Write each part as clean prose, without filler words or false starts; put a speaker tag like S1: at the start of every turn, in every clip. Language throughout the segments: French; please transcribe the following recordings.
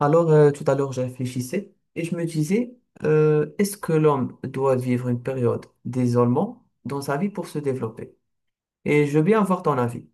S1: Alors, tout à l'heure, je réfléchissais et je me disais, est-ce que l'homme doit vivre une période d'isolement dans sa vie pour se développer? Et je veux bien avoir ton avis.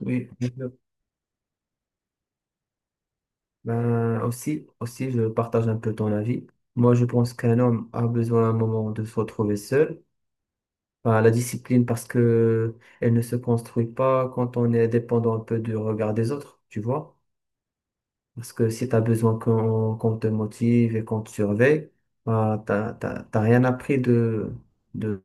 S1: Oui, bien sûr. Ben, aussi, je partage un peu ton avis. Moi, je pense qu'un homme a besoin à un moment de se retrouver seul. Enfin, la discipline parce que elle ne se construit pas quand on est dépendant un peu du regard des autres, tu vois. Parce que si tu as besoin qu'on te motive et qu'on te surveille, bah, t'as rien appris de,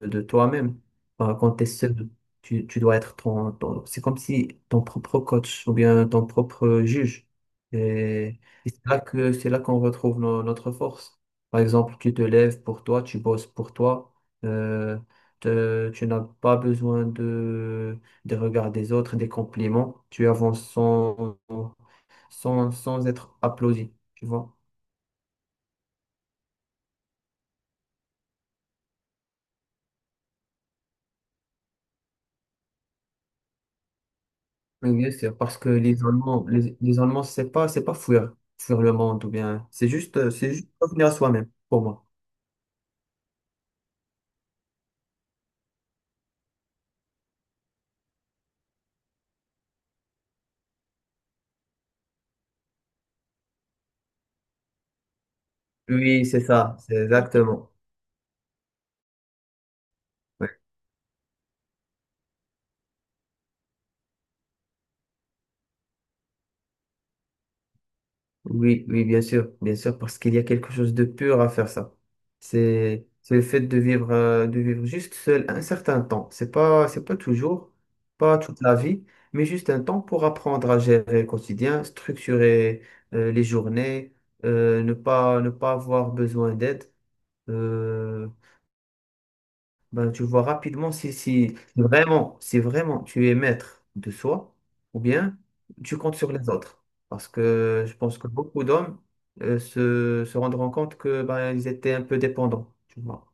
S1: de toi-même. Bah, quand tu es seul, tu dois être C'est comme si ton propre coach ou bien ton propre juge. Et, et c'est là qu'on retrouve notre force. Par exemple, tu te lèves pour toi, tu bosses pour toi. euh, Tu n'as pas besoin des regards des autres, des compliments. Tu avances sans être applaudi. Tu vois? Oui, bien sûr, parce que les Allemands, les Allemands, c'est pas fuir le monde ou bien, c'est juste revenir à soi-même, pour moi. Oui, c'est ça, c'est exactement. Ouais. Oui, oui, bien sûr, parce qu'il y a quelque chose de pur à faire ça. C'est le fait de vivre, de vivre juste seul un certain temps. C'est pas toujours, pas toute la vie, mais juste un temps pour apprendre à gérer le quotidien, structurer, les journées, ne pas avoir besoin d'aide. Euh, Ben, tu vois rapidement si vraiment tu es maître de soi ou bien tu comptes sur les autres. Parce que je pense que beaucoup d'hommes se rendront compte que ben, ils étaient un peu dépendants, tu vois.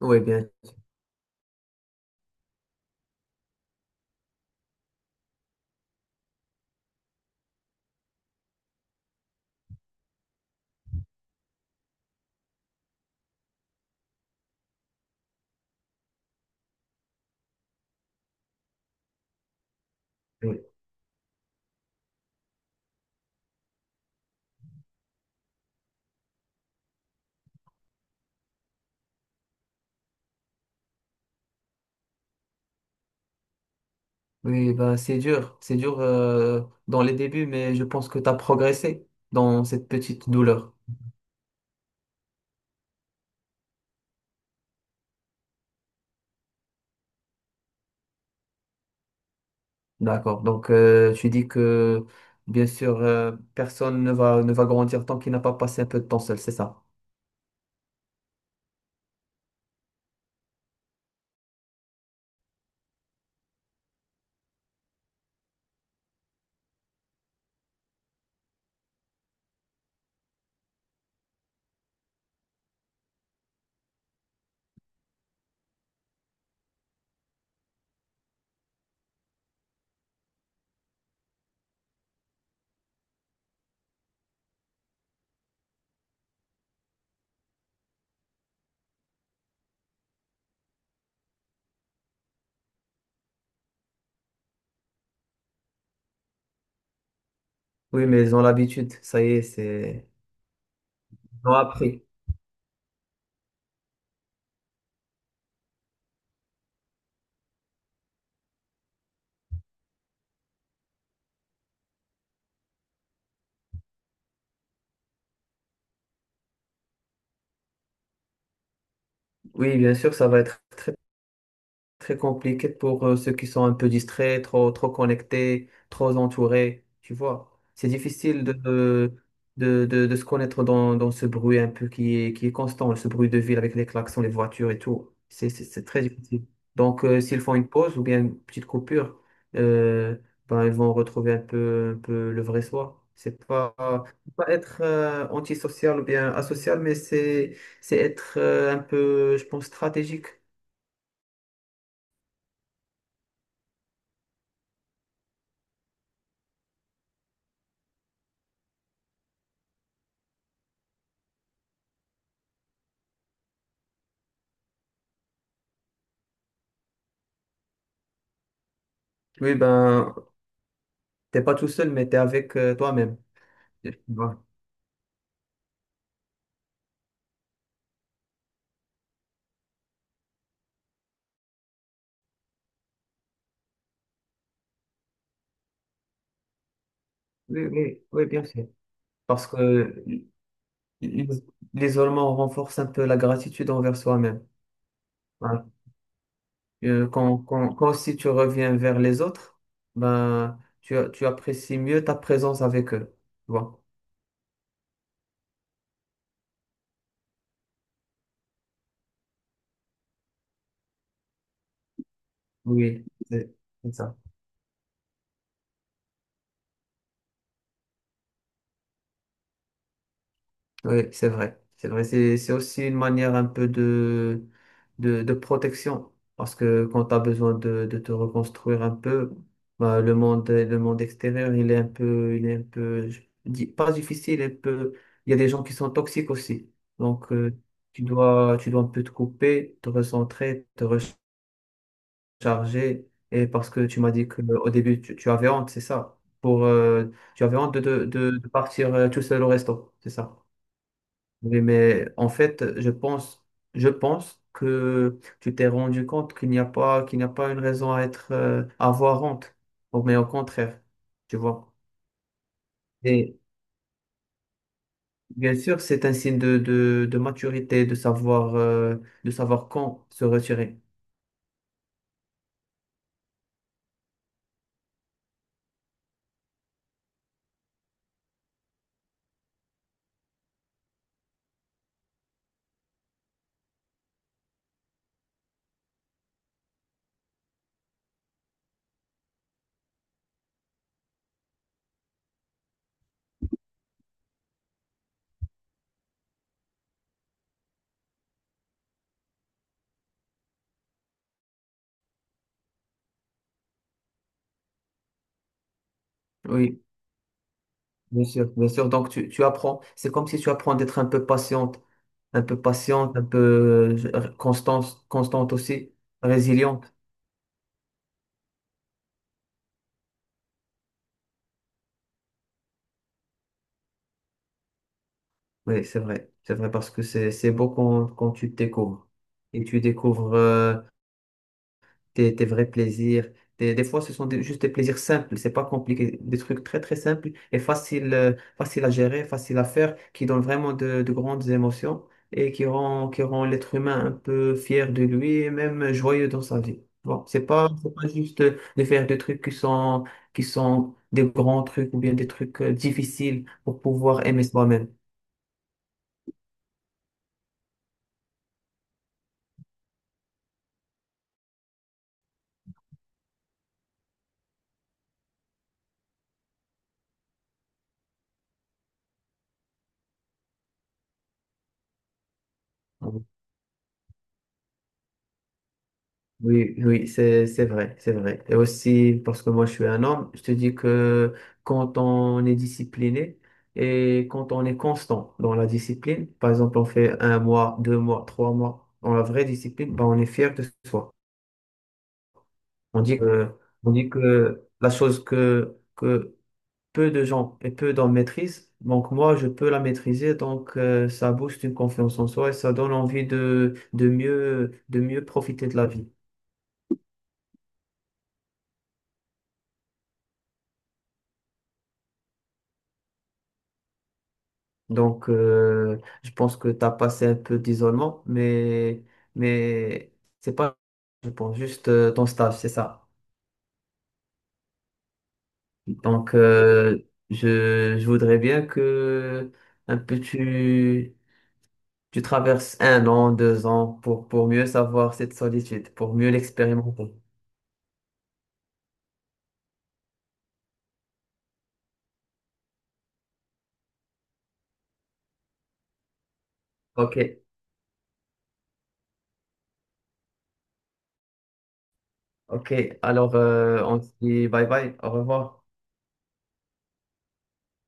S1: Oui, bien. Oui, oui, ben, c'est dur. C'est dur dans les débuts, mais je pense que tu as progressé dans cette petite douleur. D'accord. Donc, tu dis que, bien sûr, personne ne va grandir tant qu'il n'a pas passé un peu de temps seul, c'est ça? Oui, mais ils ont l'habitude, ça y est. Ils l'ont appris. Oui, bien sûr, ça va être très très compliqué pour ceux qui sont un peu distraits, trop, trop connectés, trop entourés, tu vois. C'est difficile de se connaître dans ce bruit un peu qui est constant, ce bruit de ville avec les klaxons, les voitures et tout. C'est très difficile. Donc, s'ils font une pause ou bien une petite coupure, euh, ben, ils vont retrouver un peu le vrai soi. C'est pas être antisocial ou bien asocial, mais c'est être un peu, je pense, stratégique. Oui, ben, t'es pas tout seul, mais t'es avec toi-même. Tu vois. Oui, oui, oui, bien sûr. Parce que l- l'isolement renforce un peu la gratitude envers soi-même. Voilà. Quand aussi tu reviens vers les autres, ben, tu apprécies mieux ta présence avec eux. Tu vois. Oui, c'est c'est ça. Oui, c'est vrai. C'est vrai. C'est aussi une manière un peu de protection. Parce que quand tu as besoin de te reconstruire un peu, bah, le monde extérieur, il est un peu, je dis pas difficile, un peu, il y a des gens qui sont toxiques aussi. Donc, tu dois un peu te couper, te recentrer, te recharger. Et parce que tu m'as dit qu'au début, tu avais honte, c'est ça? Tu avais honte de partir tout seul au resto, c'est ça? Oui, mais en fait, je pense que tu t'es rendu compte qu'il n'y a pas une raison à être, à avoir honte, mais au contraire, tu vois. Et bien sûr, c'est un signe de maturité, de savoir quand se retirer. Oui, bien sûr, bien sûr. Donc, tu apprends. C'est comme si tu apprends d'être un peu patiente, un peu constante aussi, résiliente. Oui, c'est vrai. C'est vrai parce que c'est beau quand tu te découvres et tu découvres tes vrais plaisirs. Des fois, ce sont juste des plaisirs simples, c'est pas compliqué, des trucs très très simples et faciles faciles à gérer, faciles à faire, qui donnent vraiment de grandes émotions et qui rend l'être humain un peu fier de lui et même joyeux dans sa vie. Bon, c'est pas juste de faire des trucs qui sont des grands trucs ou bien des trucs difficiles pour pouvoir aimer soi-même. Oui, oui, c'est vrai, c'est vrai. Et aussi, parce que moi, je suis un homme, je te dis que quand on est discipliné et quand on est constant dans la discipline, par exemple, on fait 1 mois, 2 mois, 3 mois dans la vraie discipline, ben, on est fier de soi. On dit que, on dit que la chose que peu de gens et peu d'hommes maîtrisent, donc moi, je peux la maîtriser, donc ça booste une confiance en soi et ça donne envie de mieux profiter de la vie. Donc, je pense que tu as passé un peu d'isolement, mais c'est pas, je pense, juste ton stage, c'est ça. Donc, je voudrais bien que un peu tu traverses 1 an, 2 ans pour mieux savoir cette solitude, pour mieux l'expérimenter. Ok, ok. Alors, on se dit bye bye, au revoir.